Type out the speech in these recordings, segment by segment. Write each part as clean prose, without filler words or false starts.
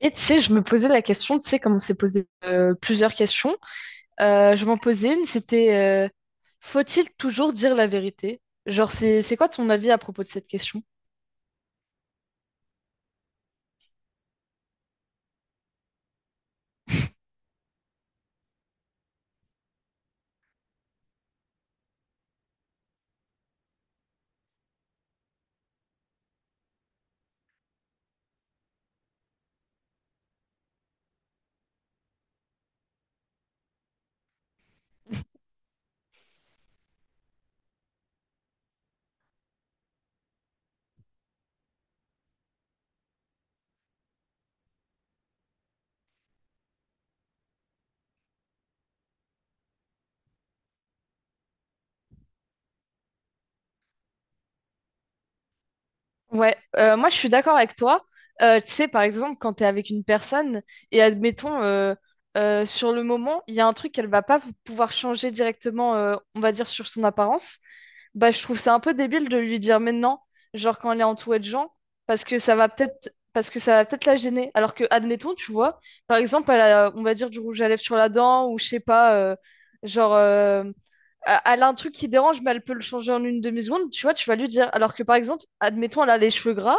Et tu sais, je me posais la question, tu sais, comme on s'est posé plusieurs questions, je m'en posais une, c'était euh, faut-il toujours dire la vérité? Genre, c'est quoi ton avis à propos de cette question? Ouais, moi je suis d'accord avec toi. Tu sais, par exemple, quand tu es avec une personne et admettons, sur le moment, il y a un truc qu'elle va pas v- pouvoir changer directement, on va dire, sur son apparence, bah je trouve ça un peu débile de lui dire maintenant, genre quand elle est entourée de gens, parce que ça va peut-être la gêner. Alors que, admettons, tu vois, par exemple, elle a, on va dire, du rouge à lèvres sur la dent ou je sais pas, genre. euh, elle a un truc qui dérange, mais elle peut le changer en une demi-seconde, tu vois, tu vas lui dire. Alors que par exemple, admettons, elle a les cheveux gras,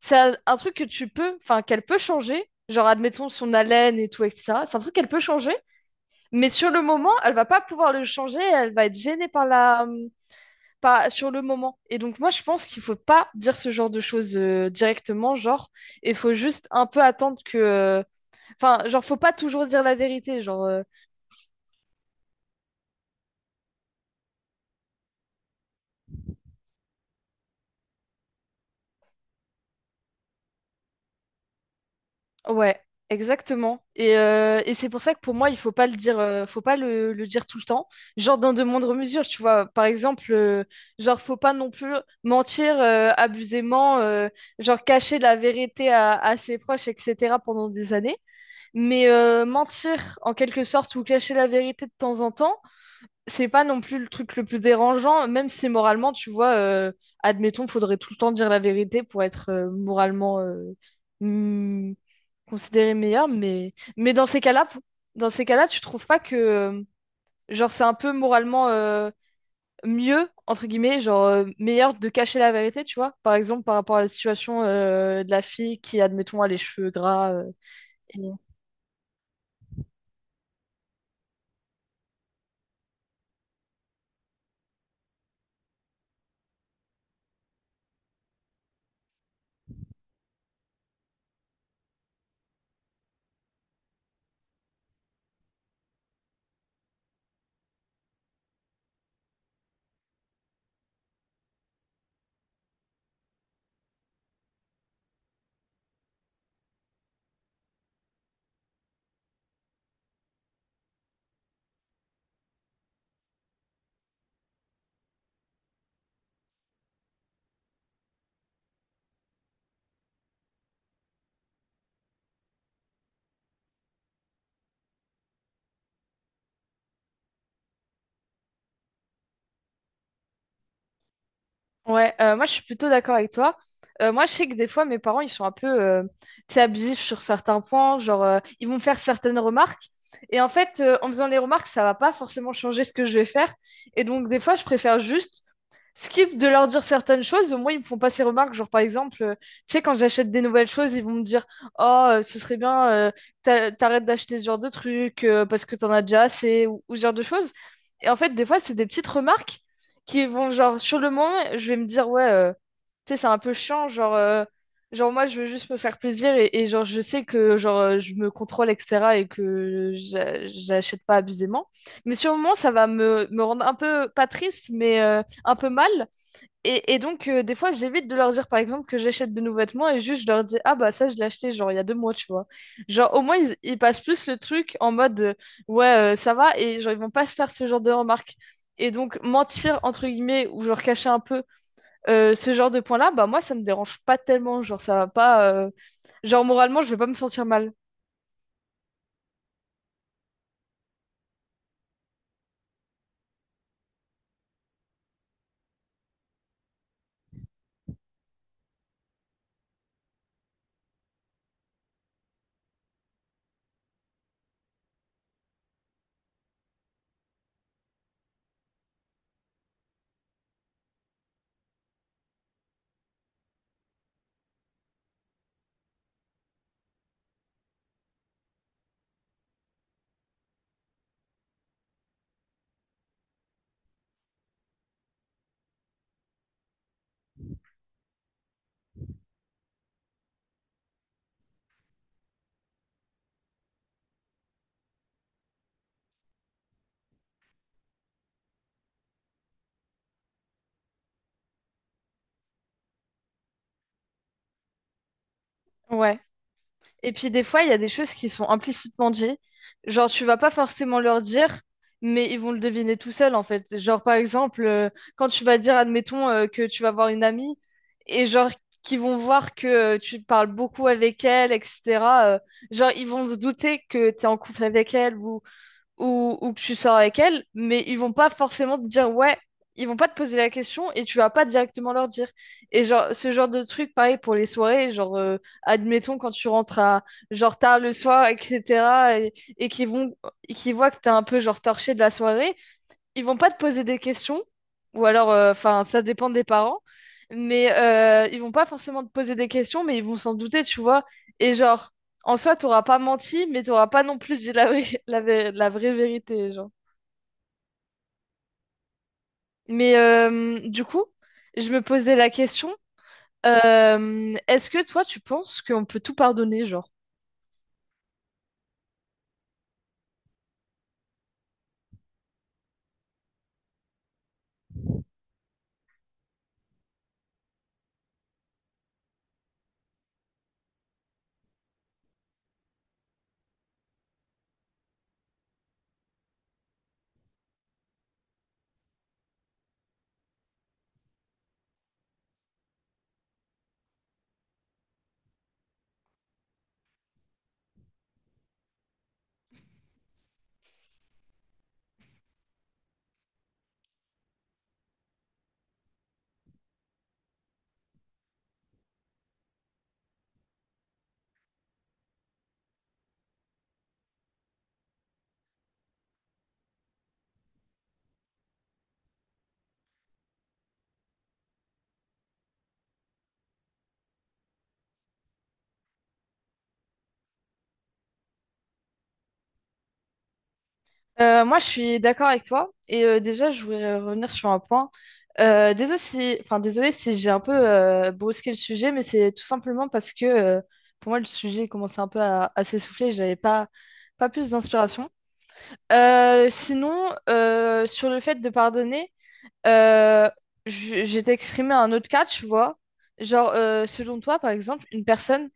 c'est un truc que tu peux, enfin, qu'elle peut changer, genre admettons son haleine et tout, et etc. C'est un truc qu'elle peut changer, mais sur le moment, elle va pas pouvoir le changer, elle va être gênée par la, pas sur le moment. Et donc moi, je pense qu'il faut pas dire ce genre de choses directement, genre, il faut juste un peu attendre que, enfin, genre, faut pas toujours dire la vérité, genre, Ouais, exactement. Et et c'est pour ça que pour moi, il faut pas le dire, faut pas le dire tout le temps. Genre dans de moindres mesures, tu vois. Par exemple, genre faut pas non plus mentir abusément, genre cacher la vérité à ses proches, etc. pendant des années. Mais mentir en quelque sorte ou cacher la vérité de temps en temps, c'est pas non plus le truc le plus dérangeant, même si moralement, tu vois, admettons, faudrait tout le temps dire la vérité pour être moralement hmm, considéré meilleur, mais, dans ces cas-là, tu trouves pas que, genre, c'est un peu moralement mieux, entre guillemets, genre, meilleur de cacher la vérité, tu vois, par exemple, par rapport à la situation de la fille qui, admettons, a les cheveux gras Ouais, moi je suis plutôt d'accord avec toi. Moi je sais que des fois mes parents ils sont un peu tu sais, abusifs sur certains points, genre ils vont me faire certaines remarques et en fait en faisant les remarques ça va pas forcément changer ce que je vais faire et donc des fois je préfère juste skip de leur dire certaines choses, au moins ils me font pas ces remarques, genre par exemple tu sais quand j'achète des nouvelles choses ils vont me dire oh ce serait bien t'arrêtes d'acheter ce genre de trucs parce que t'en as déjà assez ou ce genre de choses et en fait des fois c'est des petites remarques qui vont genre sur le moment, je vais me dire ouais, tu sais, c'est un peu chiant, genre genre moi je veux juste me faire plaisir et genre je sais que genre je me contrôle etc et j'achète pas abusément. Mais sur le moment, ça va me rendre un peu pas triste mais un peu mal et donc, des fois, j'évite de leur dire, par exemple, que j'achète de nouveaux vêtements et juste je leur dis, ah bah ça, je l'ai acheté, genre, il y a deux mois, tu vois. Genre, au moins, ils passent plus le truc en mode, ouais, ça va, et genre, ils vont pas se faire ce genre de remarques. Et donc, mentir, entre guillemets, ou genre cacher un peu ce genre de point-là, bah moi, ça me dérange pas tellement. Genre, ça va pas. Genre, moralement, je vais pas me sentir mal. Ouais. Et puis des fois, il y a des choses qui sont implicitement dites. Genre, tu vas pas forcément leur dire, mais ils vont le deviner tout seuls, en fait. Genre, par exemple, quand tu vas dire, admettons, que tu vas voir une amie, et genre, qu'ils vont voir que tu parles beaucoup avec elle, etc. euh, genre, ils vont se douter que tu es en couple avec elle, ou ou que tu sors avec elle, mais ils vont pas forcément te dire ouais, ils vont pas te poser la question et tu vas pas directement leur dire. Et genre, ce genre de truc, pareil pour les soirées, genre, admettons quand tu rentres à genre tard le soir, etc., et qu'ils vont, et qu'ils voient que t'es un peu genre torché de la soirée, ils vont pas te poser des questions, ou alors, enfin, ça dépend des parents, mais ils vont pas forcément te poser des questions, mais ils vont s'en douter, tu vois. Et genre, en soi, t'auras pas menti, mais t'auras pas non plus dit la vraie, la vraie vérité, genre. Mais du coup, je me posais la question, est-ce que toi, tu penses qu'on peut tout pardonner, genre? Moi, je suis d'accord avec toi. Et déjà, je voulais revenir sur un point. Désolé si, enfin, désolé si j'ai un peu brusqué le sujet, mais c'est tout simplement parce que pour moi, le sujet commençait un peu à s'essouffler. J'avais pas, pas plus d'inspiration. Sinon, sur le fait de pardonner, euh, j'ai exprimé un autre cas, tu vois. Genre, selon toi, par exemple, une personne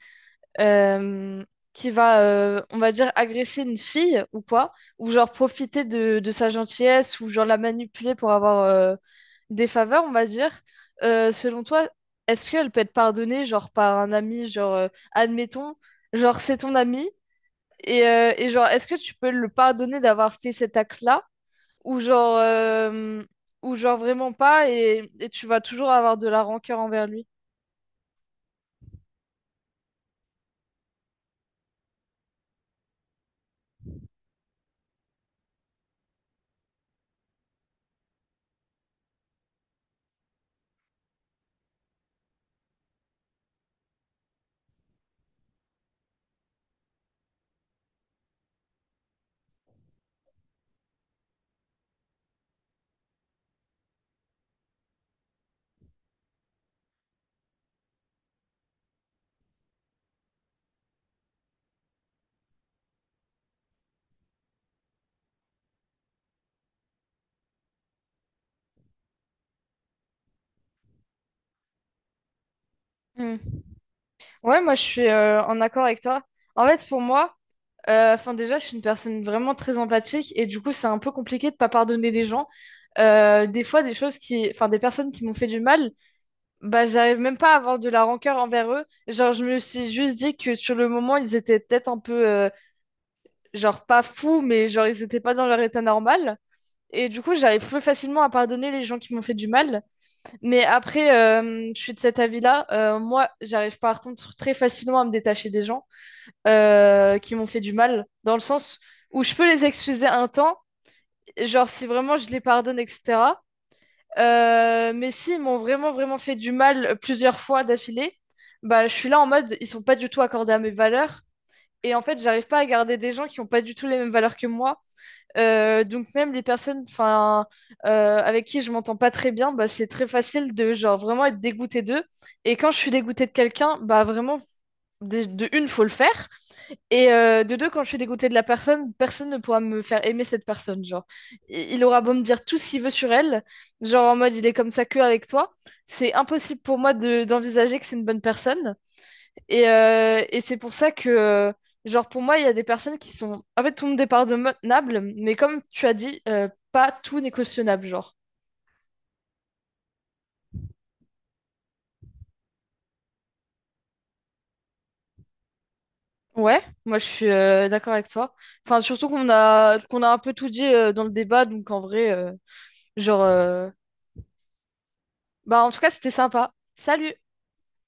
euh, qui va, on va dire, agresser une fille ou quoi, ou genre profiter de sa gentillesse, ou genre la manipuler pour avoir des faveurs, on va dire, selon toi, est-ce qu'elle peut être pardonnée, genre par un ami, genre, admettons, genre c'est ton ami, et genre, est-ce que tu peux le pardonner d'avoir fait cet acte-là, ou genre, euh, ou genre vraiment pas, et tu vas toujours avoir de la rancœur envers lui? Hmm. Ouais, moi je suis en accord avec toi. En fait, pour moi, enfin, déjà, je suis une personne vraiment très empathique et du coup, c'est un peu compliqué de pas pardonner les gens. Des fois, enfin, des personnes qui m'ont fait du mal, bah, j'arrive même pas à avoir de la rancœur envers eux. Genre, je me suis juste dit que sur le moment, ils étaient peut-être un peu, genre, pas fous, mais genre, ils étaient pas dans leur état normal. Et du coup, j'arrive plus facilement à pardonner les gens qui m'ont fait du mal. Mais après, je suis de cet avis-là. Moi, j'arrive par contre très facilement à me détacher des gens qui m'ont fait du mal, dans le sens où je peux les excuser un temps, genre si vraiment je les pardonne, etc. Mais s'ils m'ont vraiment, vraiment fait du mal plusieurs fois d'affilée, bah, je suis là en mode, ils sont pas du tout accordés à mes valeurs. Et en fait, j'arrive pas à garder des gens qui ont pas du tout les mêmes valeurs que moi. Donc même les personnes, enfin, avec qui je m'entends pas très bien, bah, c'est très facile de genre vraiment être dégoûté d'eux. Et quand je suis dégoûté de quelqu'un, bah vraiment, de une, faut le faire. Et de deux, quand je suis dégoûtée de la personne, personne ne pourra me faire aimer cette personne. Genre, il aura beau me dire tout ce qu'il veut sur elle, genre en mode il est comme ça que avec toi, c'est impossible pour moi de d'envisager que c'est une bonne personne. Et et c'est pour ça que, genre pour moi, il y a des personnes qui sont, en fait, tout le monde est pardonnable, mais comme tu as dit, pas tout n'est cautionnable, genre. Ouais, moi je suis d'accord avec toi. Enfin, surtout qu'on a un peu tout dit dans le débat, donc en vrai, genre. euh, Bah, en tout cas, c'était sympa. Salut!